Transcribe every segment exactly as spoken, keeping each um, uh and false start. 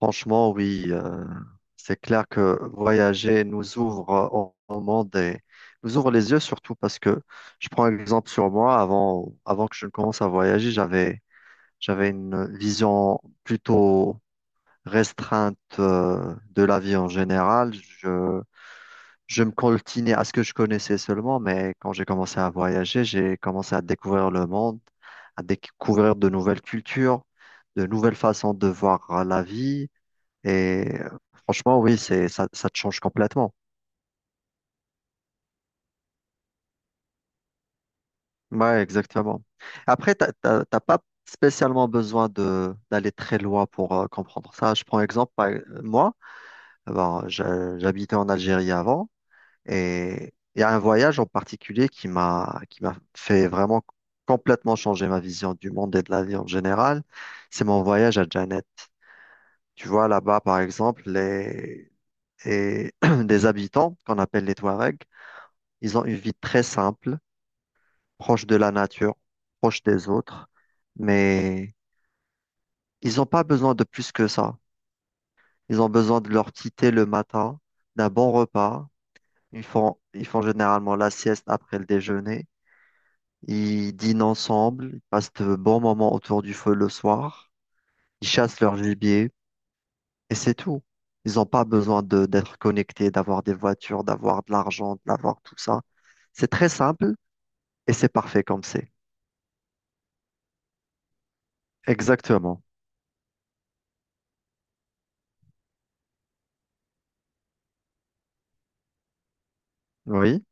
Franchement, oui, euh, c'est clair que voyager nous ouvre euh, au au monde et nous ouvre les yeux surtout parce que je prends un exemple sur moi. Avant, avant que je ne commence à voyager, j'avais, j'avais une vision plutôt restreinte euh, de la vie en général. Je, je me coltinais à ce que je connaissais seulement, mais quand j'ai commencé à voyager, j'ai commencé à découvrir le monde, à découvrir de nouvelles cultures, de nouvelles façons de voir la vie. Et euh, Franchement, oui, c'est ça, ça te change complètement. Ouais, exactement. Après, t'as t'as- t'as pas spécialement besoin de d'aller très loin pour euh, comprendre ça. Je prends exemple, par- e-, moi, bon, je- j'habitais en Algérie avant et il y a un voyage en particulier qui m'a qui m'a fait vraiment complètement changer ma vision du monde et de la vie en général. C'est mon voyage à Janet. Tu vois, là-bas, par exemple, les, et des habitants qu'on appelle les Touaregs, ils ont une vie très simple, proche de la nature, proche des autres, mais ils n'ont pas besoin de plus que ça. Ils ont besoin de leur petit thé le matin, d'un bon repas. Ils font, ils font généralement la sieste après le déjeuner. Ils dînent ensemble, ils passent de bons moments autour du feu le soir. Ils chassent leur gibier et c'est tout. Ils n'ont pas besoin de, d'être connectés, d'avoir des voitures, d'avoir de l'argent, d'avoir tout ça. C'est très simple et c'est parfait comme c'est. Exactement. Oui,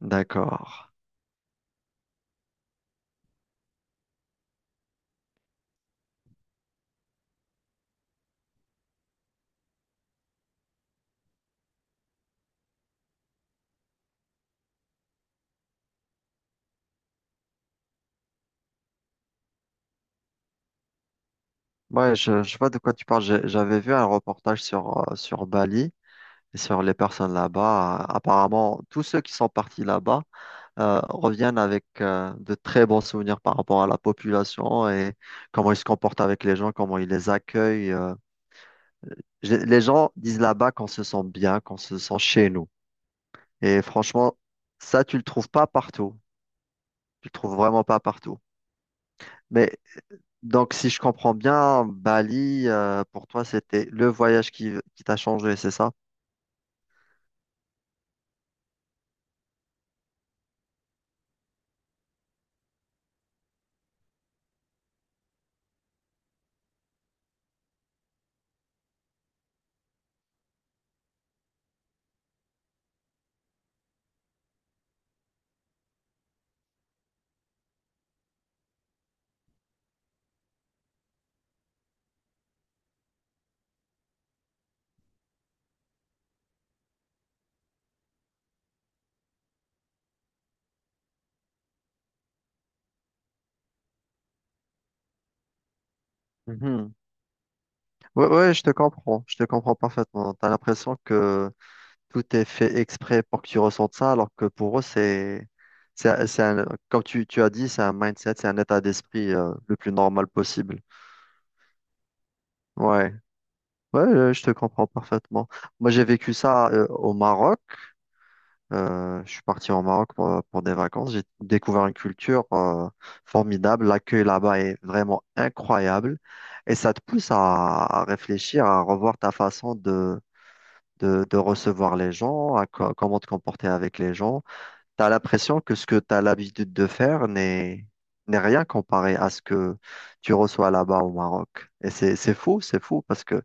d'accord. Ouais, je, je vois de quoi tu parles. J'ai- J'avais vu un reportage sur, euh, sur Bali et sur les personnes là-bas. Euh, Apparemment, tous ceux qui sont partis là-bas euh, reviennent avec euh, de très bons souvenirs par rapport à la population et comment ils se comportent avec les gens, comment ils les accueillent. euh. J'ai- Les gens disent là-bas qu'on se sent bien, qu'on se sent chez nous. Et franchement, ça, tu le trouves pas partout. Tu le trouves vraiment pas partout. Mais donc, si je comprends bien, Bali, euh, pour toi, c'était le voyage qui, qui t'a changé, c'est ça? Mhm. Ouais, ouais, je te comprends, je te comprends parfaitement. T'as l'impression que tout est fait exprès pour que tu ressentes ça, alors que pour eux, c'est, c'est, c'est un- comme tu, tu as dit, c'est un mindset, c'est un état d'esprit euh, le plus normal possible. Ouais, ouais, euh, je te comprends parfaitement. Moi, j'ai vécu ça euh, au Maroc. Euh, je suis parti au Maroc pour, pour des vacances. J'ai découvert une culture euh, formidable. L'accueil là-bas est vraiment incroyable, et ça te pousse à à réfléchir, à revoir ta façon de de, de recevoir les gens, à co- comment te comporter avec les gens. Tu as l'impression que ce que tu as l'habitude de faire n'est, n'est rien comparé à ce que tu reçois là-bas au Maroc. Et c'est, c'est fou, c'est fou parce que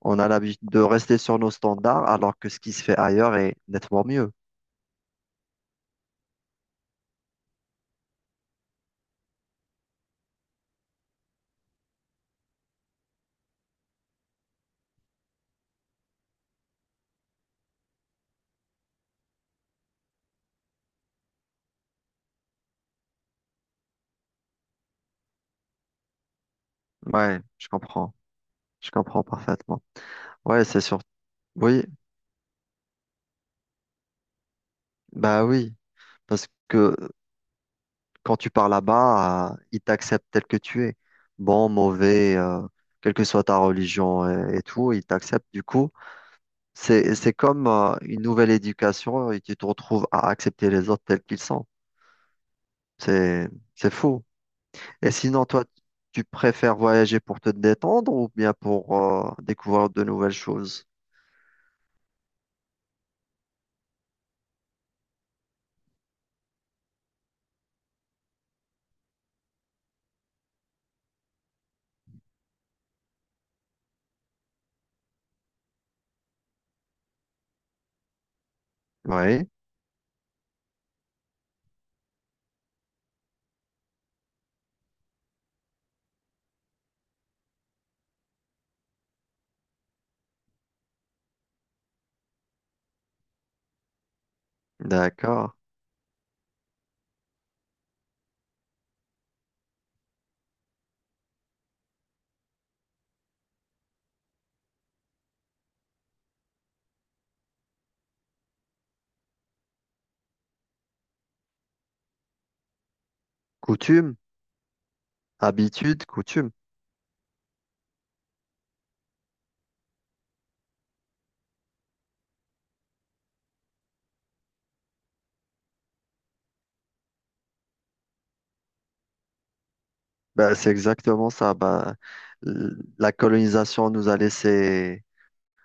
on a l'habitude de rester sur nos standards alors que ce qui se fait ailleurs est nettement mieux. Ouais, je comprends. Je comprends parfaitement. Ouais, c'est sûr. Oui, bah oui. Parce que quand tu pars là-bas, euh, ils t'acceptent tel que tu es. Bon, mauvais, euh, quelle que soit ta religion et, et tout, ils t'acceptent. Du coup, c'est, c'est comme euh, une nouvelle éducation et tu te retrouves à accepter les autres tels qu'ils sont. C'est, c'est fou. Et sinon, toi, tu préfères voyager pour te détendre ou bien pour euh, découvrir de nouvelles choses? Oui, d'accord. Coutume, habitude, coutume. Ben, c'est exactement ça. Ben, l- la colonisation nous a laissé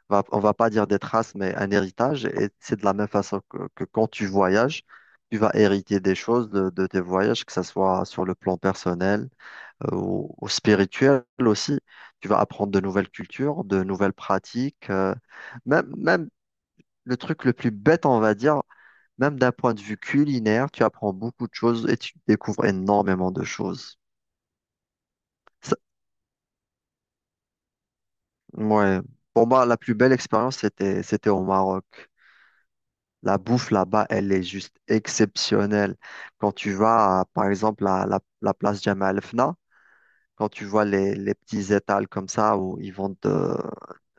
va- on va pas dire des traces, mais un héritage. Et c'est de la même façon que, que quand tu voyages, tu vas hériter des choses de, de tes voyages, que ce soit sur le plan personnel, euh, ou, ou spirituel aussi. Tu vas apprendre de nouvelles cultures, de nouvelles pratiques. euh, même, même le truc le plus bête, on va dire, même d'un point de vue culinaire, tu apprends beaucoup de choses et tu découvres énormément de choses. Ça- ouais. Pour moi, la plus belle expérience, c'était, c'était au Maroc. La bouffe là-bas, elle est juste exceptionnelle. Quand tu vas, à, par exemple, à la, la place Jamal el Fna, quand tu vois les, les petits étals comme ça où ils vendent euh,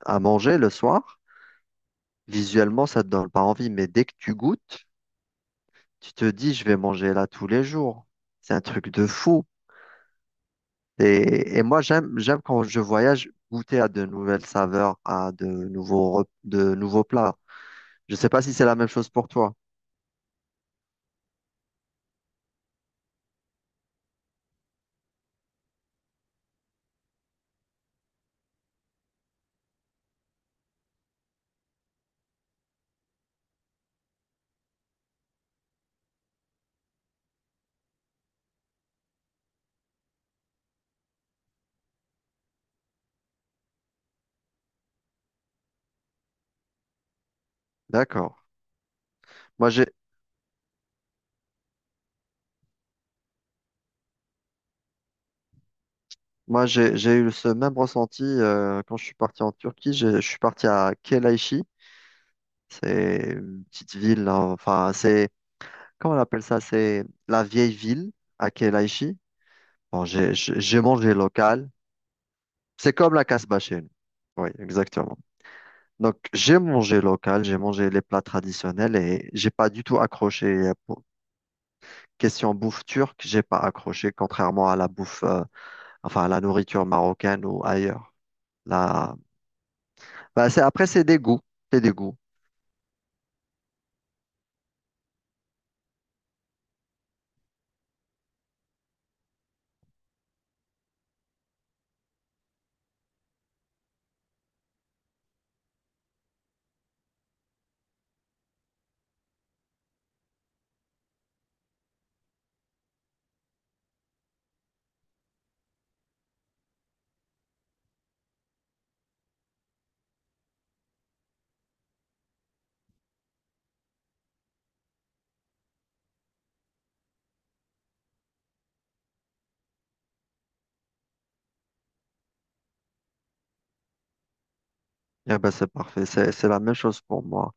à manger le soir, visuellement, ça te donne pas envie. Mais dès que tu goûtes, tu te dis, je vais manger là tous les jours. C'est un truc de fou. Et, et moi, j'aime, j'aime quand je voyage goûter à de nouvelles saveurs, à de nouveaux, rep- de nouveaux plats. Je sais pas si c'est la même chose pour toi. D'accord. Moi, j'ai, moi, j'ai, j'ai eu ce même ressenti euh, quand je suis parti en Turquie. Je, je suis parti à Kelaychi. C'est une petite ville, hein, enfin, c'est, comment on appelle ça? C'est la vieille ville à Kelaychi. Bon, j'ai, j'ai j'ai mangé local. C'est comme la Casbah chez nous. Oui, exactement. Donc, j'ai mangé local, j'ai mangé les plats traditionnels et j'ai pas du tout accroché. euh, pour- Question bouffe turque, j'ai pas accroché, contrairement à la bouffe, euh, enfin, à la nourriture marocaine ou ailleurs. Là, bah, c'est, après, c'est des goûts. C'est des goûts. Et ben, c'est parfait. C'est, c'est la même chose pour moi.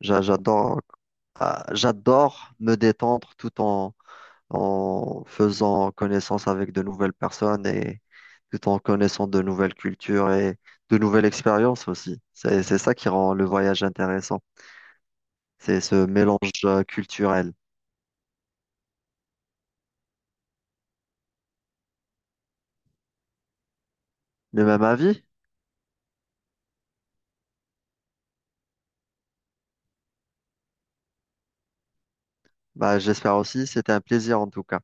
J'a- J'adore, euh, j'adore me détendre tout en, en faisant connaissance avec de nouvelles personnes et tout en connaissant de nouvelles cultures et de nouvelles expériences aussi. C'est, c'est ça qui rend le voyage intéressant. C'est ce mélange euh, culturel. Le même avis? Bah, j'espère aussi. C'était un plaisir en tout cas.